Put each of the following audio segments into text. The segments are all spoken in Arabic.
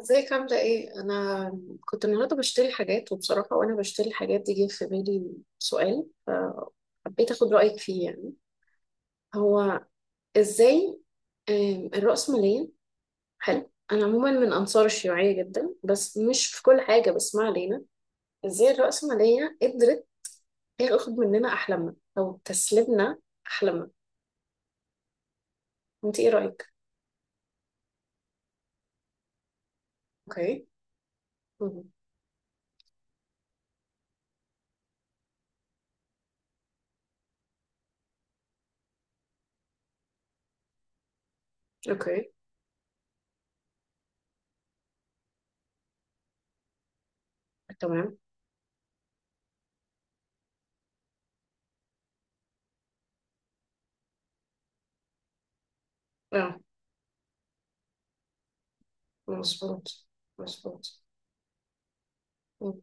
ازيك عاملة ايه؟ أنا كنت النهاردة بشتري حاجات، وبصراحة وأنا بشتري الحاجات دي جه في بالي سؤال، فحبيت أخد رأيك فيه. يعني هو ازاي الرأسمالية حلو. أنا عموما من أنصار الشيوعية جدا، بس مش في كل حاجة، بس ما علينا. ازاي الرأسمالية قدرت تاخد مننا أحلامنا أو تسلبنا أحلامنا؟ أنت ايه رأيك؟ اوكي. مم. اوكي. تمام. اه، مظبوط مظبوط. مم.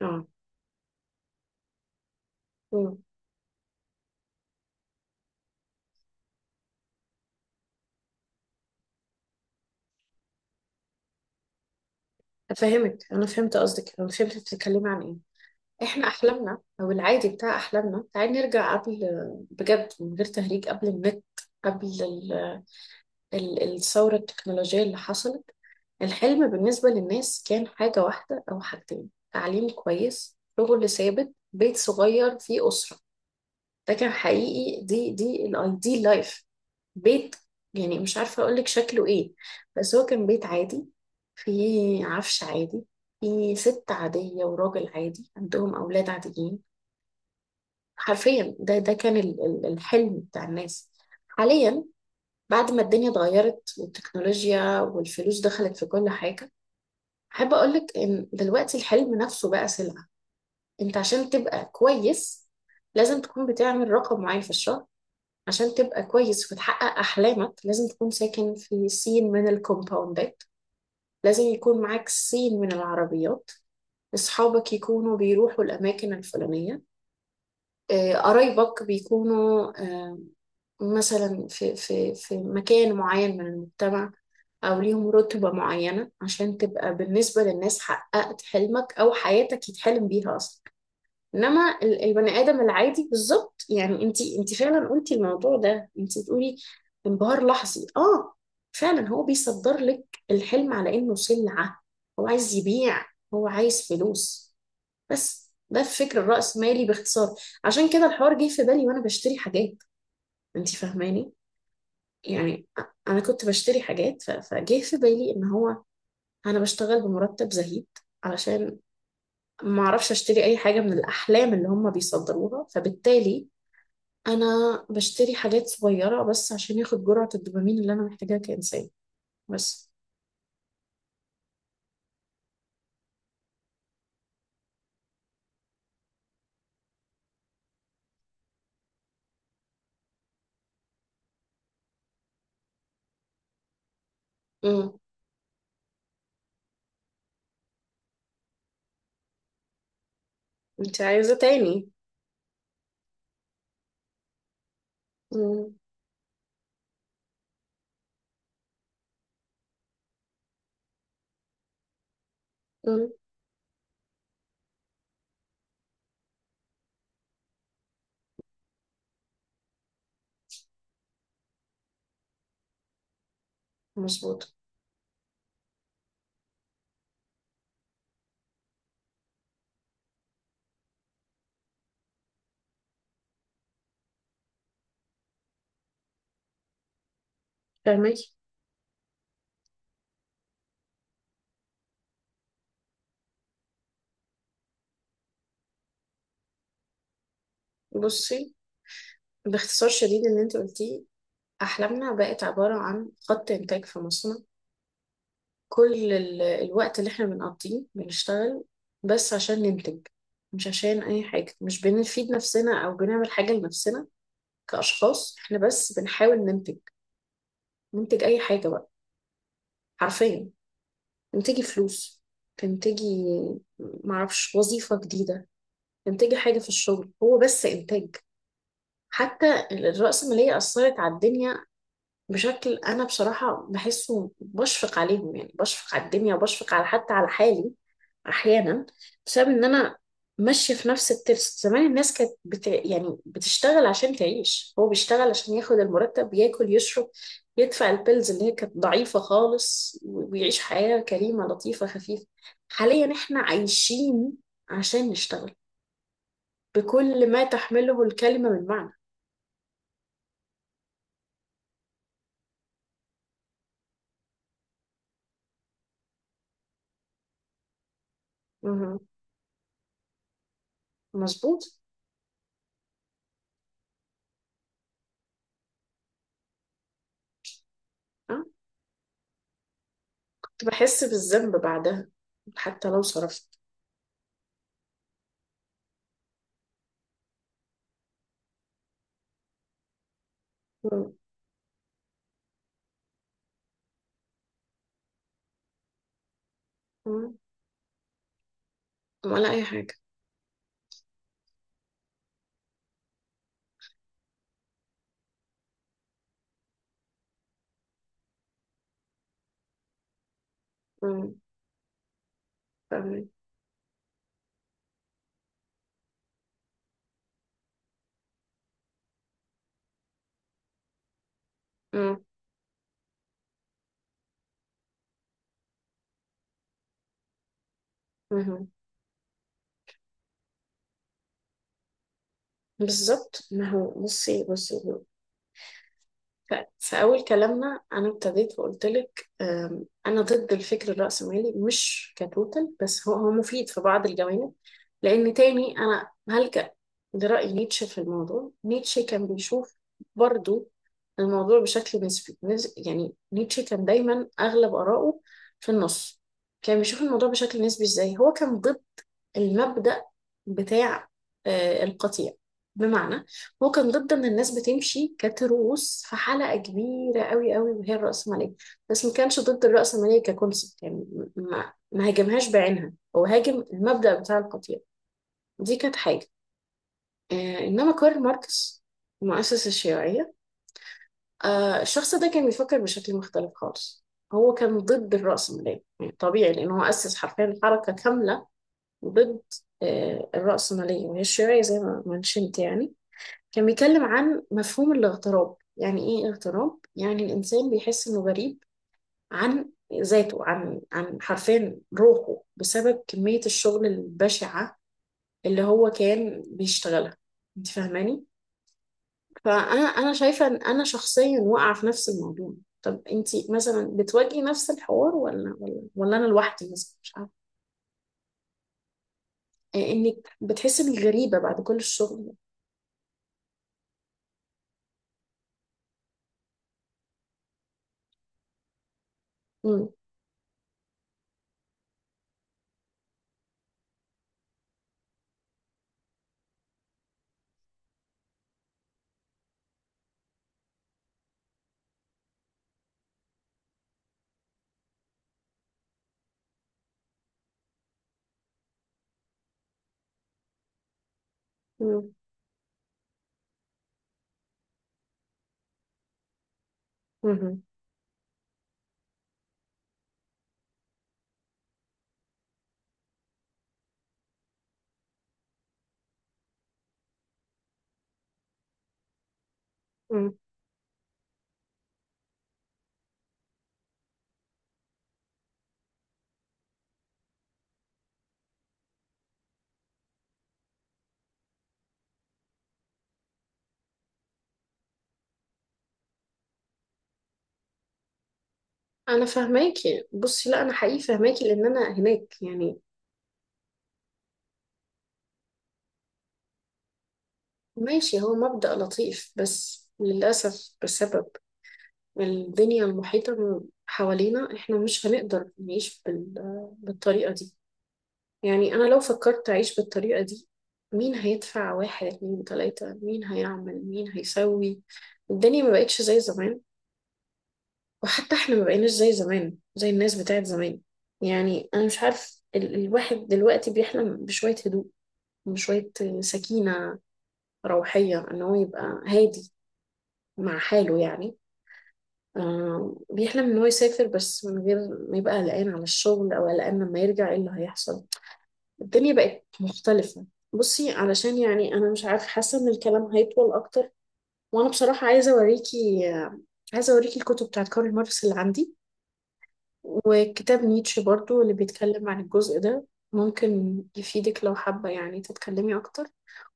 اه، فاهمك، انا فهمت قصدك، انا فهمت بتتكلمي عن ايه. احنا احلامنا او العادي بتاع احلامنا، تعالي نرجع قبل، بجد من غير تهريج، قبل النت، قبل الثوره التكنولوجيه اللي حصلت. الحلم بالنسبه للناس كان حاجه واحده او حاجتين: تعليم كويس، شغل ثابت، بيت صغير فيه اسره. ده كان حقيقي، دي الايديال لايف. بيت، يعني مش عارفة اقولك شكله ايه، بس هو كان بيت عادي، فيه عفش عادي، فيه ست عادية وراجل عادي عندهم أولاد عاديين. حرفيا ده كان الحلم بتاع الناس. حاليا، بعد ما الدنيا اتغيرت والتكنولوجيا والفلوس دخلت في كل حاجة، أحب أقولك إن دلوقتي الحلم نفسه بقى سلعة. أنت عشان تبقى كويس لازم تكون بتعمل رقم معين في الشهر. عشان تبقى كويس وتحقق أحلامك لازم تكون ساكن في سين من الكومباوندات، لازم يكون معاك سين من العربيات، أصحابك يكونوا بيروحوا الأماكن الفلانية. قرايبك بيكونوا، مثلا في مكان معين من المجتمع، أو ليهم رتبة معينة، عشان تبقى بالنسبة للناس حققت حلمك أو حياتك يتحلم بيها أصلا. انما البني ادم العادي بالظبط، يعني انت فعلا قلتي الموضوع ده، انت بتقولي انبهار لحظي. اه، فعلا هو بيصدر لك الحلم على انه سلعه. هو عايز يبيع، هو عايز فلوس. بس ده الفكر الرأسمالي باختصار. عشان كده الحوار جه في بالي وانا بشتري حاجات، انت فاهماني؟ يعني أ- انا كنت بشتري حاجات فجه في بالي ان هو انا بشتغل بمرتب زهيد، علشان ما اعرفش اشتري اي حاجه من الاحلام اللي هم بيصدروها. فبالتالي انا بشتري حاجات صغيرة بس عشان ياخد جرعة الدوبامين اللي انا محتاجاها كإنسان. بس. امم انت عايزة تاني. امم. امم، مظبوط. فاهمك. بصي، باختصار شديد اللي انت قلتيه، احلامنا بقت عبارة عن خط انتاج في مصنع. كل الوقت اللي احنا بنقضيه بنشتغل بس عشان ننتج، مش عشان اي حاجة، مش بنفيد نفسنا او بنعمل حاجة لنفسنا كأشخاص، احنا بس بنحاول ننتج. ننتج اي حاجة بقى، حرفيا. تنتجي فلوس، تنتجي معرفش وظيفة جديدة، تنتجي حاجة في الشغل، هو بس إنتاج. حتى الرأسمالية أثرت على الدنيا بشكل أنا بصراحة بحسه، بشفق عليهم، يعني بشفق على الدنيا وبشفق على حتى على حالي احيانا، بسبب ان انا ماشيه في نفس الترس. زمان الناس كانت يعني بتشتغل عشان تعيش، هو بيشتغل عشان ياخد المرتب، ياكل يشرب، يدفع البيلز اللي هي كانت ضعيفه خالص، ويعيش حياه كريمه لطيفه خفيفه. حاليا احنا عايشين عشان نشتغل، بكل ما تحمله الكلمه من معنى. مهم. مظبوط. أه؟ كنت بحس بالذنب بعدها حتى لو صرفت. مم. مم. ولا اي حاجه. مم. فاهمة. مم. مهم. بالظبط. ما هو بصي بصي. ف- في أول كلامنا أنا ابتديت وقلت لك، أنا ضد الفكر الرأسمالي، مش كتوتال، بس هو مفيد في بعض الجوانب. لأن تاني أنا هلجأ لرأي نيتشه في الموضوع. نيتشه كان بيشوف برضو الموضوع بشكل نسبي، يعني نيتشه كان دايما أغلب آراءه في النص. كان بيشوف الموضوع بشكل نسبي. إزاي هو كان ضد المبدأ بتاع القطيع؟ بمعنى هو كان ضد ان الناس بتمشي كتروس في حلقة كبيرة قوي قوي وهي الرأسمالية، بس ما كانش ضد الرأسمالية ككونسبت، يعني ما هاجمهاش بعينها، هو هاجم المبدأ بتاع القطيع. دي كانت حاجة. انما كارل ماركس مؤسس الشيوعية، الشخص ده كان بيفكر بشكل مختلف خالص. هو كان ضد الرأسمالية، يعني طبيعي، لأنه هو أسس حرفيا حركة كاملة ضد الرأسمالية، وهي الشيوعية زي ما منشنت. يعني كان بيتكلم عن مفهوم الاغتراب. يعني ايه اغتراب؟ يعني الإنسان بيحس إنه غريب عن ذاته، عن عن حرفيا روحه، بسبب كمية الشغل البشعة اللي هو كان بيشتغلها. انت فاهماني؟ فأنا شايفة إن أنا شخصيا واقعة في نفس الموضوع. طب انت مثلا بتواجهي نفس الحوار ولا انا لوحدي، مثلا مش عارفه. انك بتحسي انك غريبه بعد كل الشغل ده. مم. مم. مم. انا فهماكي، بصي، لا انا حقيقي فهماكي، لان انا هناك يعني. ماشي، هو مبدأ لطيف، بس للأسف بسبب الدنيا المحيطة حوالينا احنا مش هنقدر نعيش بالطريقة دي. يعني انا لو فكرت اعيش بالطريقة دي، مين هيدفع؟ 1 2 3، مين هيعمل، مين هيسوي؟ الدنيا ما بقتش زي زمان، وحتى احنا ما بقيناش زي زمان، زي الناس بتاعت زمان. يعني انا مش عارف، ال الواحد دلوقتي بيحلم بشوية هدوء، بشوية سكينة روحية، ان هو يبقى هادي مع حاله يعني. آه، بيحلم ان هو يسافر بس من غير ما يبقى قلقان على الشغل او قلقان لما يرجع ايه اللي هيحصل. الدنيا بقت مختلفة. بصي علشان، يعني انا مش عارف، حاسة ان الكلام هيطول اكتر، وانا بصراحة عايزة اوريكي، عايزة اوريكي الكتب بتاعت كارل ماركس اللي عندي، وكتاب نيتشه برضو اللي بيتكلم عن الجزء ده. ممكن يفيدك لو حابة يعني تتكلمي أكتر.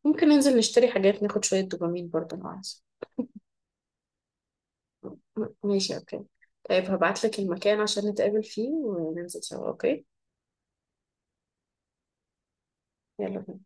ممكن ننزل نشتري حاجات، ناخد شوية دوبامين برضو لو عايزة. ماشي أوكي. طيب هبعتلك المكان عشان نتقابل فيه وننزل سوا، أوكي؟ يلا.